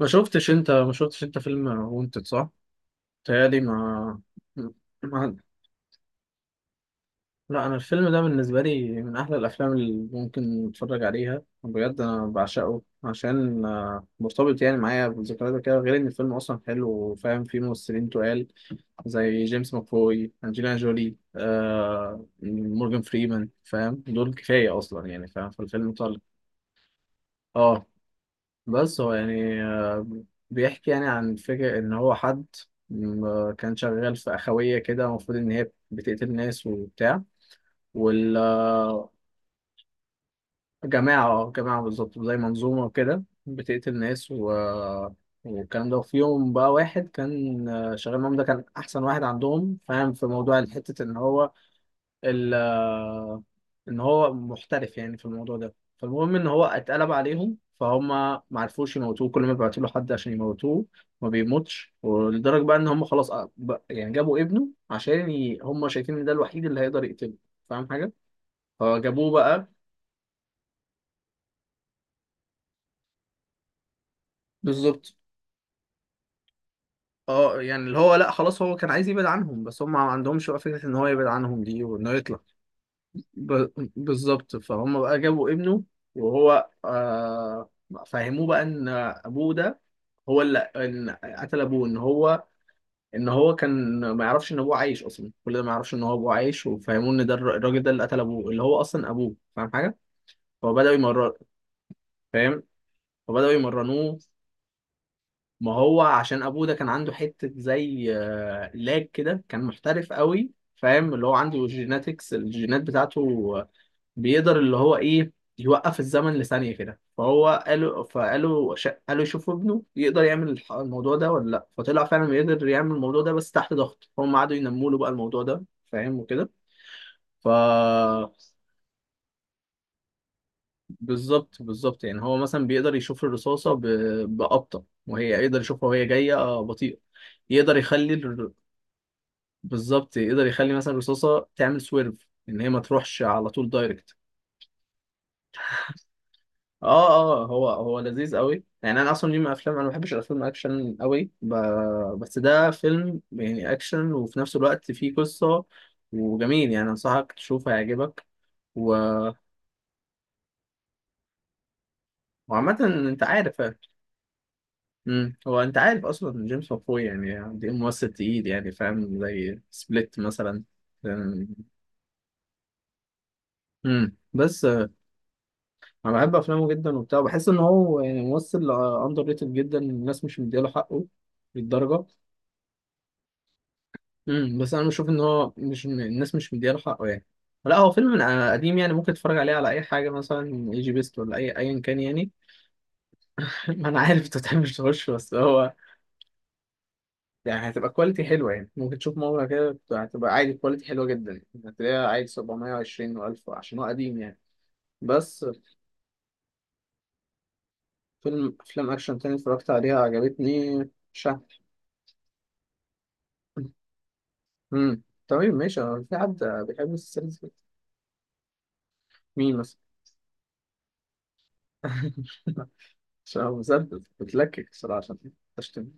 ما شفتش انت فيلم وانتد، صح؟ تهيألي ما... ما، لا، انا الفيلم ده بالنسبه لي من احلى الافلام اللي ممكن اتفرج عليها، بجد انا بعشقه عشان مرتبط يعني معايا بذكريات كده، غير ان الفيلم اصلا حلو وفاهم فيه ممثلين تقال زي جيمس ماكفوي، انجلينا جولي، مورجان فريمان، فاهم؟ دول كفايه اصلا يعني، فاهم فالفيلم طالع. اه. بس هو يعني بيحكي يعني عن فكرة إن هو حد كان شغال في أخوية كده، المفروض إن هي بتقتل ناس وبتاع، وال آه، جماعة، جماعة بالظبط زي منظومة وكده بتقتل ناس و... والكلام ده. وفي يوم بقى، واحد كان شغال معاهم، ده كان أحسن واحد عندهم، فاهم؟ في موضوع حتة إن هو ال آه، ان هو محترف يعني في الموضوع ده. فالمهم ان هو اتقلب عليهم، فهم ما عرفوش يموتوه، كل ما بيبعتوا له حد عشان يموتوه ما بيموتش. ولدرجه بقى ان هم خلاص، يعني جابوا ابنه عشان ي... هم شايفين ان ده الوحيد اللي هيقدر يقتله، فاهم حاجه؟ فجابوه بقى. بالظبط. اه يعني اللي هو، لا خلاص هو كان عايز يبعد عنهم، بس هم ما عندهمش بقى فكره ان هو يبعد عنهم دي وانه يطلع. ب... بالظبط. فهم بقى جابوا ابنه وهو آه... فهموه بقى ان ابوه ده هو اللي، إن قتل ابوه، ان هو، ان هو كان ما يعرفش ان ابوه عايش اصلا، كل ده ما يعرفش ان هو ابوه عايش، وفهموه ان ده الراجل ده اللي قتل ابوه، اللي هو اصلا ابوه، فاهم حاجه؟ فبداوا يمرنوا. فاهم؟ فبداوا يمرنوه. ما هو عشان ابوه ده كان عنده حته زي لاج كده، كان محترف قوي، فاهم؟ اللي هو عنده جيناتكس، الجينات بتاعته بيقدر اللي هو ايه، يوقف الزمن لثانية كده. فهو فقالوا قالوا يشوفوا ابنه يقدر يعمل الموضوع ده ولا لا، فطلع فعلا يقدر يعمل الموضوع ده، بس تحت ضغط. هم قعدوا ينموا له بقى الموضوع ده، فاهم؟ وكده. ف، بالظبط بالظبط يعني هو مثلا بيقدر يشوف الرصاصة ب... بأبطأ، وهي يقدر يشوفها وهي جاية بطيئة، يقدر يخلي ال... بالظبط يقدر يخلي مثلا الرصاصة تعمل سويرف، ان هي ما تروحش على طول دايركت. اه. اه هو هو لذيذ قوي يعني، انا اصلا ليه من افلام، انا ما بحبش الافلام اكشن قوي، ب... بس ده فيلم يعني اكشن وفي نفس الوقت فيه قصة وجميل، يعني انصحك تشوفه هيعجبك. و... وعامة انت عارف، هو انت عارف اصلا جيمس مافوي يعني دي ممثل تقيل يعني، فاهم؟ زي سبليت مثلا. بس انا بحب افلامه جدا وبتاع، بحس ان هو يعني ممثل اندر ريتد جدا، الناس مش مديله حقه للدرجة. امم، بس انا بشوف ان هو، مش الناس مش مدياله حقه يعني. لا هو فيلم من قديم يعني، ممكن تتفرج عليه على اي حاجه، مثلا اي جي بيست ولا اي، ايا كان يعني. ما انا عارف انت بتحبش تخش، بس هو يعني هتبقى كواليتي حلوه، يعني ممكن تشوف مره كده، هتبقى عادي كواليتي حلوه جدا يعني، هتلاقيها عادي 720 و1000 عشان هو قديم يعني. بس. فيلم افلام اكشن تاني اتفرجت عليها عجبتني شهر. امم. تمام، ماشي، هو في حد بيحب السلسله. مين مثلا؟ عشان هو مسدس بتلكك الصراحه، عشان تشتم.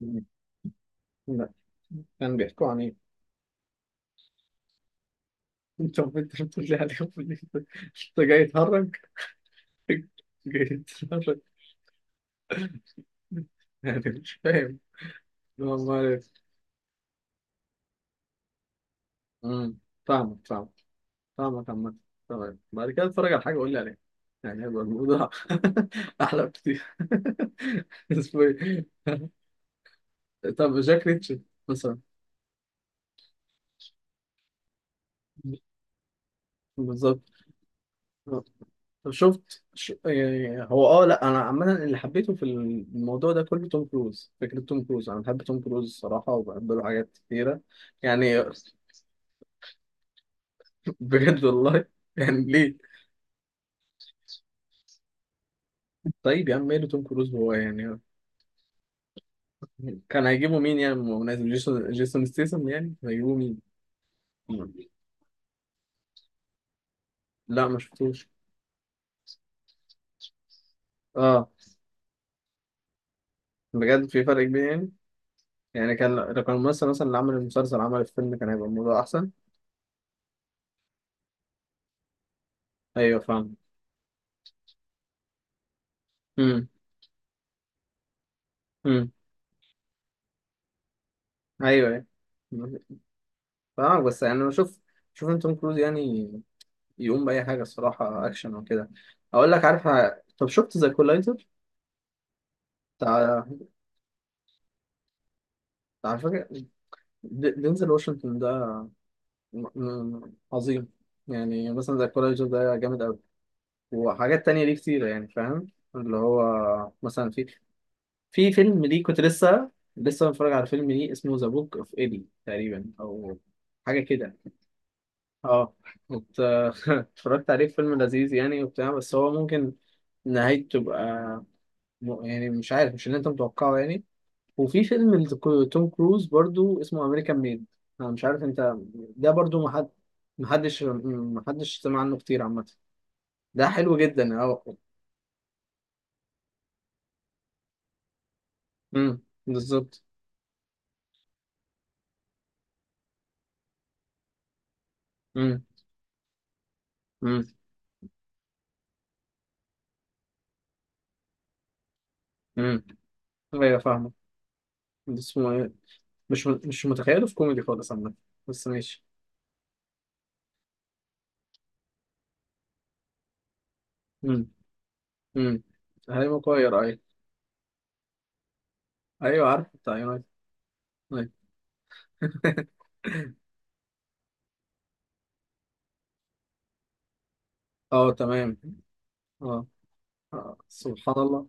م- لا، كان بيحكوا عن ايه؟ انت بتقول لي عليهم إن انت، أنت جاي تهرج؟ جاي تهرج. يعني مش فاهم اللي هو أمال إيه؟ أمم، فاهمك فاهمك عامة. تمام، بعد كده اتفرج على حاجة قول لي عليها، يعني هيبقى الموضوع أحلى بكتير. اسمه ايه؟ طب جاك ريتشارد مثلا. بالظبط. طب شفت ش... يعني هو اه لا، انا عامه اللي حبيته في الموضوع ده كله توم كروز، فكره توم كروز، انا بحب توم كروز الصراحه وبحب له حاجات كتيره يعني. بجد والله، يعني ليه؟ طيب يا عم ماله توم كروز هو يعني، كان هيجيبوا مين يعني؟ بمناسبة جيسون، جيسون ستيسن يعني كان هيجيبوا مين؟ لا ما شفتوش. اه بجد في فرق كبير يعني، يعني كان لو كان الممثل مثلا اللي عمل المسلسل عمل الفيلم، كان هيبقى الموضوع احسن. ايوه فاهم. امم. امم. ايوه. أيوة. اه بس يعني انا شوف، شوف إن توم كروز يعني يقوم باي حاجه الصراحه، اكشن او كده. اقول لك عارف طب شفت ذا كولايزر بتاع، بتاع فاكر دينزل واشنطن ده، م- عظيم. يعني مثلا ذا كولايزر ده جامد قوي، وحاجات تانية ليه كتير يعني، فاهم؟ اللي هو مثلا في، في فيلم ليه كنت لسه، لسه بتفرج على فيلم ليه اسمه ذا بوك اوف ايدي تقريبا، او حاجه كده. اه ات- اتفرجت عليه، فيلم لذيذ يعني وبتاع، بس هو ممكن نهايته تبقى يعني مش عارف، مش اللي انت متوقعه يعني. وفي فيلم توم كروز برضو اسمه امريكان ميد، انا مش عارف انت، ده برضو محد، محدش سمع عنه كتير عامة، ده حلو جدا. اه. امم. بالظبط. امم. امم. امم. ايوه فاهمه، بس اسمه ايه؟ مش مش متخيله في كوميدي خالص عامة، بس ماشي. امم. امم. هيبقى مغير، ايوه. ايوه عارف بتاع. طيب. اه تمام. اه. آه، سبحان الله.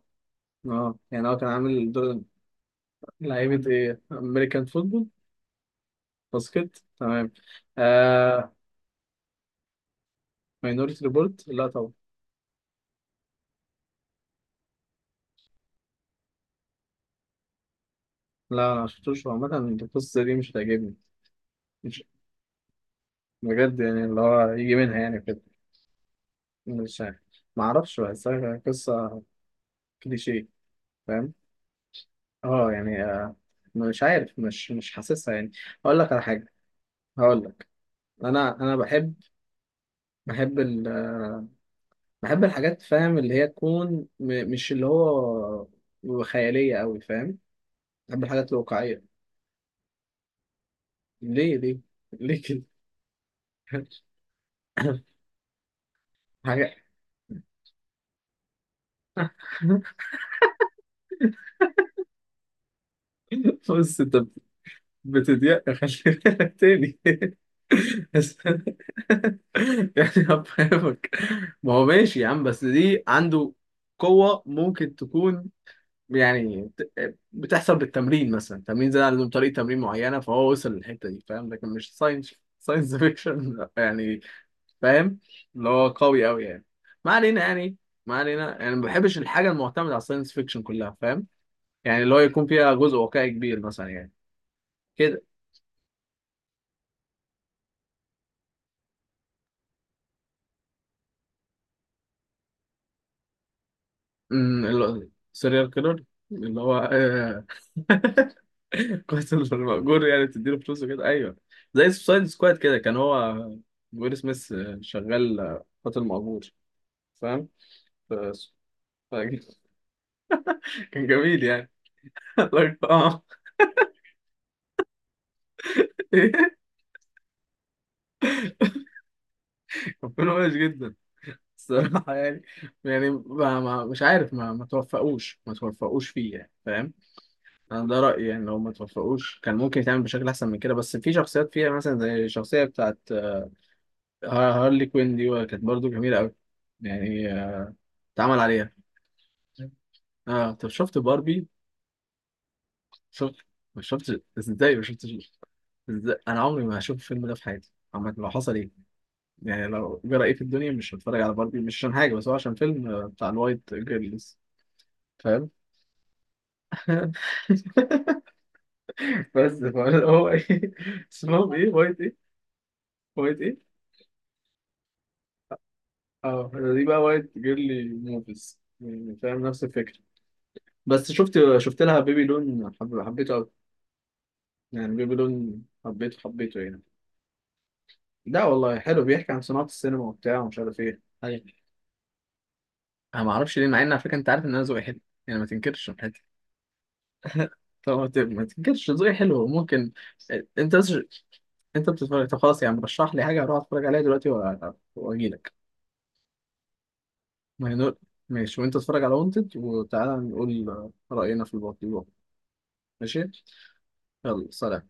اه يعني هو كان عامل دور، لعيبة ايه، امريكان فوتبول؟ باسكت، تمام. آه. ماينورتي ريبورت؟ لا طبعا. لا انا مشفتوش، هو عامة القصة دي مش هتعجبني. مش بجد يعني اللي هو يجي منها يعني كده؟ مش عارف، معرفش، بحسها قصة كليشيه، فاهم؟ اه يعني آه، مش عارف، مش مش حاسسها يعني. هقول لك على حاجة، هقول لك، انا بحب، بحب ال بحب الحاجات فاهم، اللي هي تكون م... مش اللي هو خيالية قوي، فاهم؟ بحب الحاجات الواقعية. ليه؟ ليه؟ ليه كده؟ حاجة. بص انت بتضيق، خلي بالك تاني. بس- يعني هفهمك، ما هو ماشي يا عم، بس دي عنده قوة ممكن تكون يعني، بتحصل بالتمرين، مثلا تمرين، زي عندهم طريقة تمرين معينة، فهو وصل للحتة دي، فاهم؟ لكن مش ساينس، ساينس فيكشن يعني، فاهم؟ اللي هو قوي قوي يعني. ما علينا يعني، ما علينا يعني ما بحبش الحاجه المعتمده على الساينس فيكشن كلها، فاهم؟ يعني اللي هو يكون فيها جزء واقعي كبير مثلا يعني كده. امم، سيريال كيلر. اللي هو قاتل مأجور، يعني بتديله فلوس وكده، ايوه زي سوسايد سكواد كده، كان هو ويل سميث شغال قاتل مأجور، فاهم؟ ف- ف- كان جميل يعني. اه. كان فيلم وحش جدا الصراحة يعني، يعني ما ما مش عارف، ما توفقوش فيه يعني، فاهم؟ انا ده رأيي يعني، لو ما توفقوش كان ممكن يتعمل بشكل احسن من كده، بس في شخصيات فيها مثلا زي الشخصية بتاعت هارلي كوين دي، كانت برضو جميلة قوي يعني، اتعمل عليها. اه طب شفت باربي؟ شفت، ما شفت ازاي؟ ما شفتش ازاي؟ انا عمري ما هشوف الفيلم ده في حياتي عامة، لو حصل ايه يعني، لو جرى ايه في الدنيا مش هتفرج على باربي، مش عشان حاجة، بس هو عشان فيلم بتاع الوايت جيرلز، فاهم؟ بس فانا هو ايه اسمهم ايه، وايت ايه؟ وايت ايه؟ اه دي بقى وايت جيرلي موفيز يعني، فاهم؟ نفس الفكره. بس شفت لها بيبي لون، حبيته قوي يعني، بيبي لون حبيته، حبيته يعني. لا والله حلو، بيحكي عن صناعه السينما وبتاع ومش عارف ايه حاجة. انا ما اعرفش ليه، مع ان على فكره انت عارف ان انا ذوقي حلو يعني، ما تنكرش من حتى. طب ما ما تنكرش ذوقي حلو ممكن، انت بس، انت بتتفرج. طب خلاص يعني رشح لي حاجه اروح اتفرج عليها دلوقتي واجي لك. ما هنقول. ماشي، وانت اتفرج على وانتد وتعالى نقول رأينا في الموضوع. ماشي، يلا سلام.